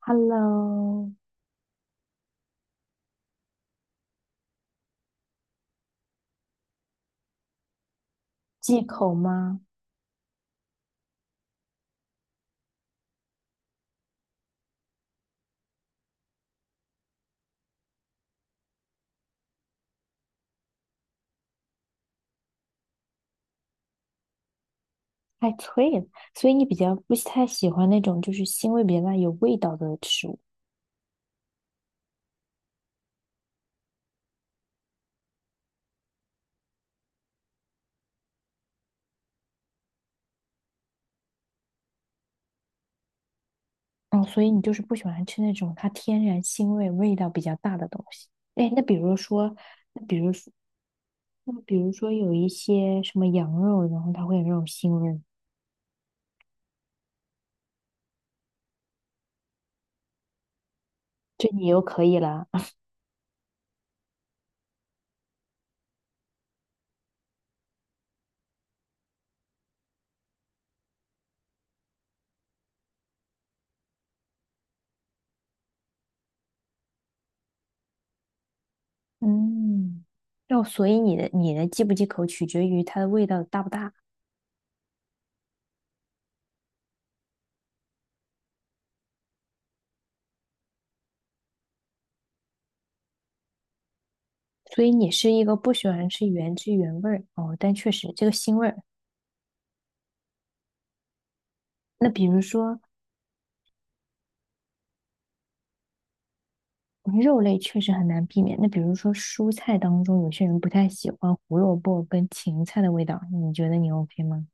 Hello，忌口吗？太脆了，所以你比较不太喜欢那种就是腥味比较大、有味道的食物。嗯，所以你就是不喜欢吃那种它天然腥味、味道比较大的东西。哎，那比如说，那比如说，那比如说有一些什么羊肉，然后它会有那种腥味，这你又可以了。嗯，那所以你的忌不忌口取决于它的味道大不大。所以你是一个不喜欢吃原汁原味儿哦，但确实这个腥味儿。那比如说肉类确实很难避免。那比如说蔬菜当中，有些人不太喜欢胡萝卜跟芹菜的味道，你觉得你 OK 吗？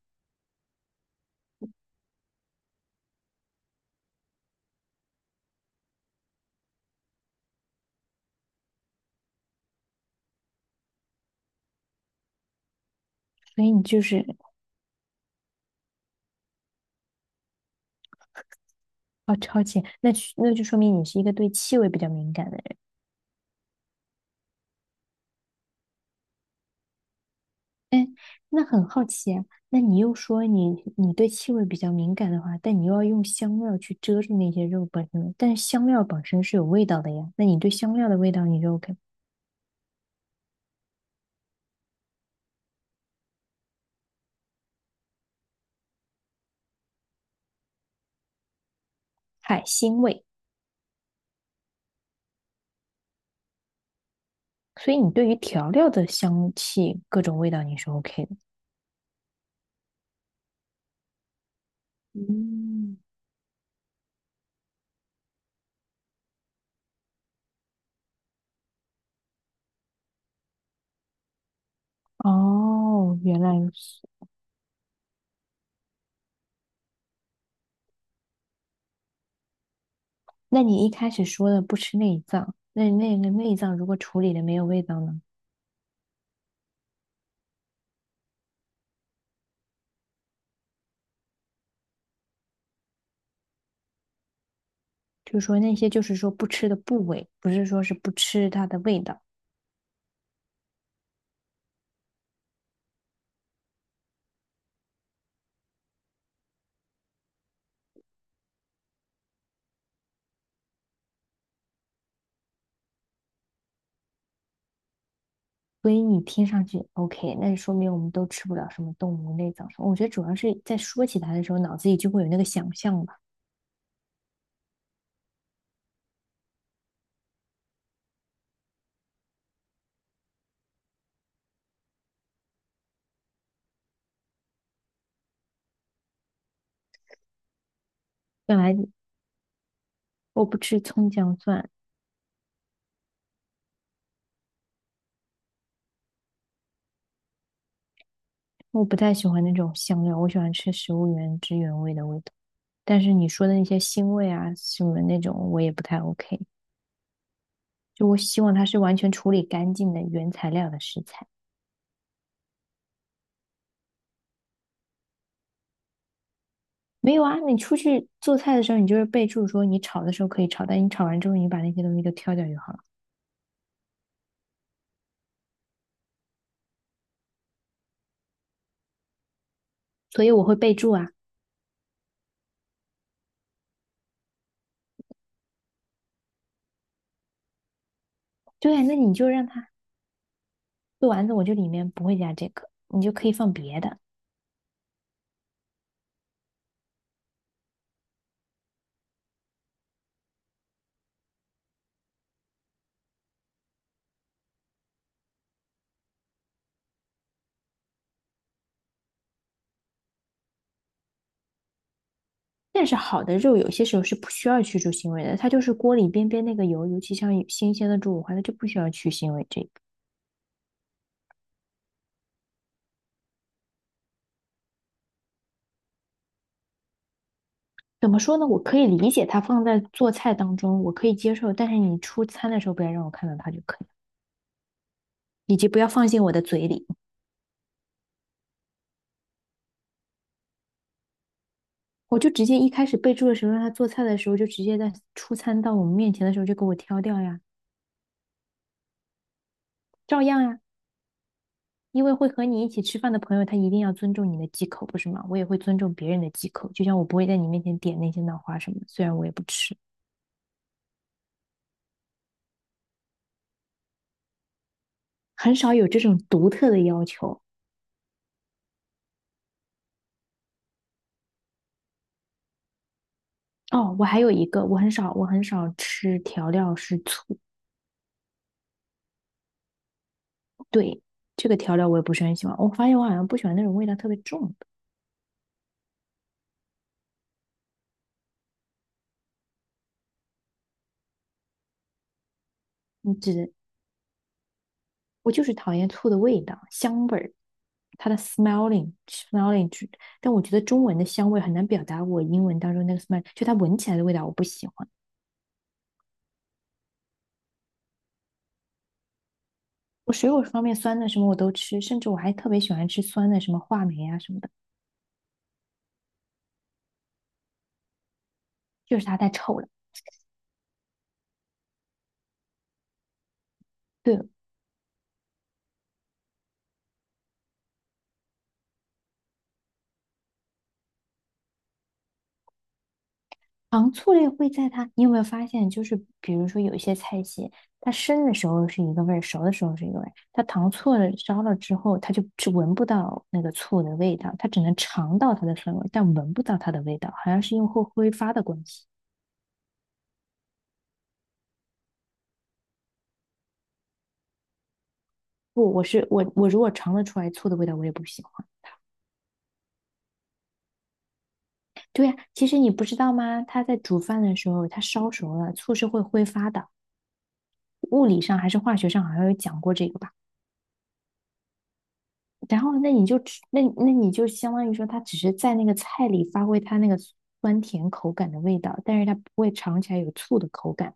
所以你就是哦，超前，那是就说明你是一个对气味比较敏感的人。那很好奇啊，那你又说你对气味比较敏感的话，但你又要用香料去遮住那些肉本身，但是香料本身是有味道的呀。那你对香料的味道你就 OK，海腥味。所以你对于调料的香气各种味道你是 OK 的。嗯。哦，原来如此。那你一开始说的不吃内脏，那那个内脏如果处理的没有味道呢？就是说那些就是说不吃的部位，不是说是不吃它的味道。所以你听上去 OK，那就说明我们都吃不了什么动物内脏什么。我觉得主要是在说起它的时候，脑子里就会有那个想象吧。本来我不吃葱姜蒜，我不太喜欢那种香料，我喜欢吃食物原汁原味的味道。但是你说的那些腥味啊什么那种，我也不太 OK。就我希望它是完全处理干净的原材料的食材。没有啊，你出去做菜的时候，你就是备注说你炒的时候可以炒，但你炒完之后，你把那些东西都挑掉就好了。所以我会备注啊，对啊，那你就让它做丸子，我就里面不会加这个，你就可以放别的。但是好的肉有些时候是不需要去除腥味的，它就是锅里边那个油，尤其像新鲜的猪五花，它就不需要去腥味这个。怎么说呢？我可以理解它放在做菜当中，我可以接受，但是你出餐的时候不要让我看到它就可以。以及不要放进我的嘴里。我就直接一开始备注的时候，让他做菜的时候，就直接在出餐到我们面前的时候就给我挑掉呀，照样呀。因为会和你一起吃饭的朋友，他一定要尊重你的忌口，不是吗？我也会尊重别人的忌口，就像我不会在你面前点那些脑花什么虽然我也不吃，很少有这种独特的要求。哦，我还有一个，我很少吃调料是醋，对，这个调料我也不是很喜欢。我发现我好像不喜欢那种味道特别重的，你只我就是讨厌醋的味道，香味儿。它的 smelling，但我觉得中文的香味很难表达我英文当中那个 smell，就它闻起来的味道我不喜欢。我水果方面酸的什么我都吃，甚至我还特别喜欢吃酸的什么话梅啊什么的，就是它太臭了。对了，糖醋类会在它，你有没有发现，就是比如说有一些菜系，它生的时候是一个味儿，熟的时候是一个味儿，它糖醋了烧了之后，它就是闻不到那个醋的味道，它只能尝到它的酸味，但闻不到它的味道，好像是用后挥发的关系。不，我是我我如果尝得出来醋的味道，我也不喜欢。对呀，啊其实你不知道吗？它在煮饭的时候，它烧熟了，醋是会挥发的。物理上还是化学上好像有讲过这个吧？然后那你就吃，那你就相当于说，它只是在那个菜里发挥它那个酸甜口感的味道，但是它不会尝起来有醋的口感。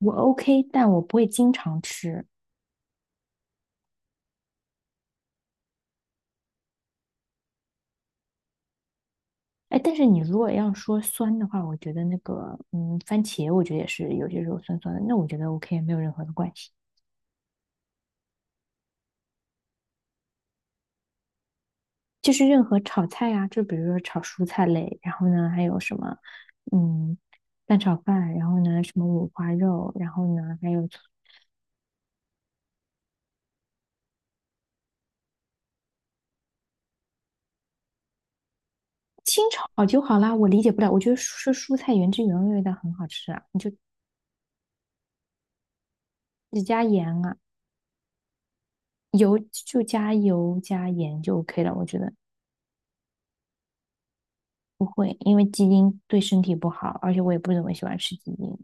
我 OK，但我不会经常吃。哎，但是你如果要说酸的话，我觉得那个嗯，番茄我觉得也是有些时候酸酸的，那我觉得 OK，没有任何的关系。就是任何炒菜啊，就比如说炒蔬菜类，然后呢还有什么，嗯，蛋炒饭，然后呢什么五花肉，然后呢还有清炒就好啦。我理解不了，我觉得蔬菜原汁原味的很好吃啊，你就只加盐啊，油就加油加盐就 OK 了。我觉得会，因为鸡丁对身体不好，而且我也不怎么喜欢吃鸡丁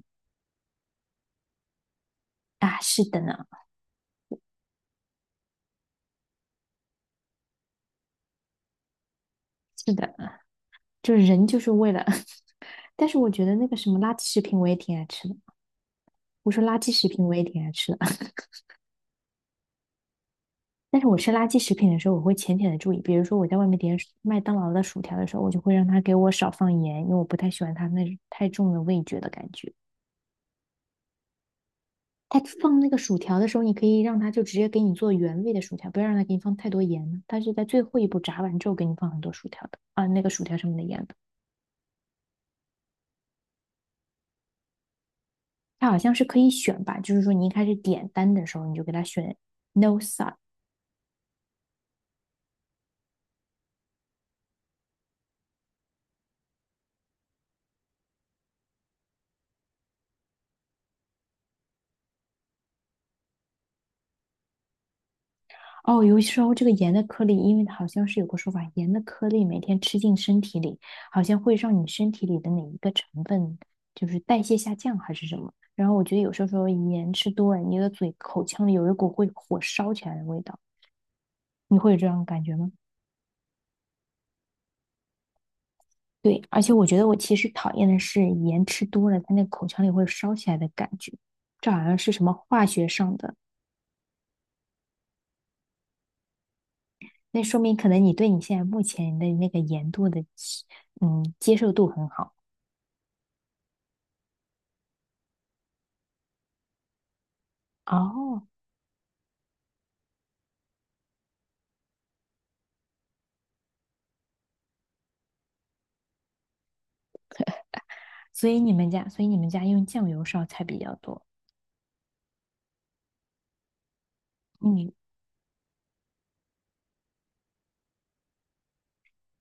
啊。是的呢，是的，就是人就是为了，但是我觉得那个什么垃圾食品我也挺爱吃的。我说垃圾食品我也挺爱吃的。但是我吃垃圾食品的时候，我会浅浅的注意，比如说我在外面点麦当劳的薯条的时候，我就会让他给我少放盐，因为我不太喜欢它那太重的味觉的感觉。他放那个薯条的时候，你可以让他就直接给你做原味的薯条，不要让他给你放太多盐呢。他是在最后一步炸完之后给你放很多薯条的啊，那个薯条上面的盐的。它好像是可以选吧，就是说你一开始点单的时候，你就给他选 no salt，哦，有时候这个盐的颗粒，因为好像是有个说法，盐的颗粒每天吃进身体里，好像会让你身体里的哪一个成分就是代谢下降还是什么。然后我觉得有时候说盐吃多了，你的嘴口腔里有一股会火烧起来的味道，你会有这种感觉吗？对，而且我觉得其实讨厌的是盐吃多了，它那个口腔里会烧起来的感觉，这好像是什么化学上的，那说明可能你对你现在目前的那个盐度的，嗯，接受度很好。哦，所以你们家用酱油烧菜比较多。嗯，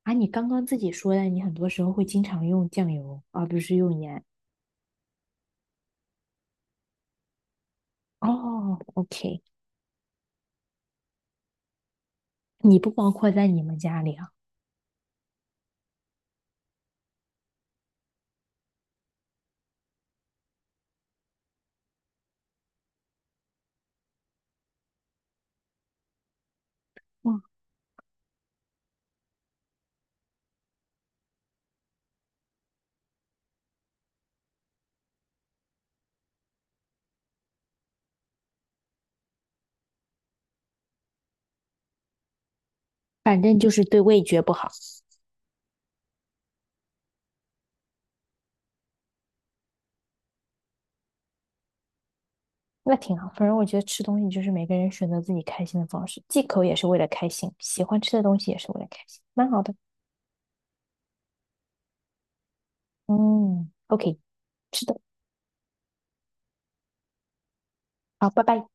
啊，你刚刚自己说的，你很多时候会经常用酱油，而不是用盐。哦，OK，你不包括在你们家里啊。嗯，反正就是对味觉不好。那挺好，反正我觉得吃东西就是每个人选择自己开心的方式，忌口也是为了开心，喜欢吃的东西也是为了开心，蛮好的。嗯，OK，吃的好，拜拜。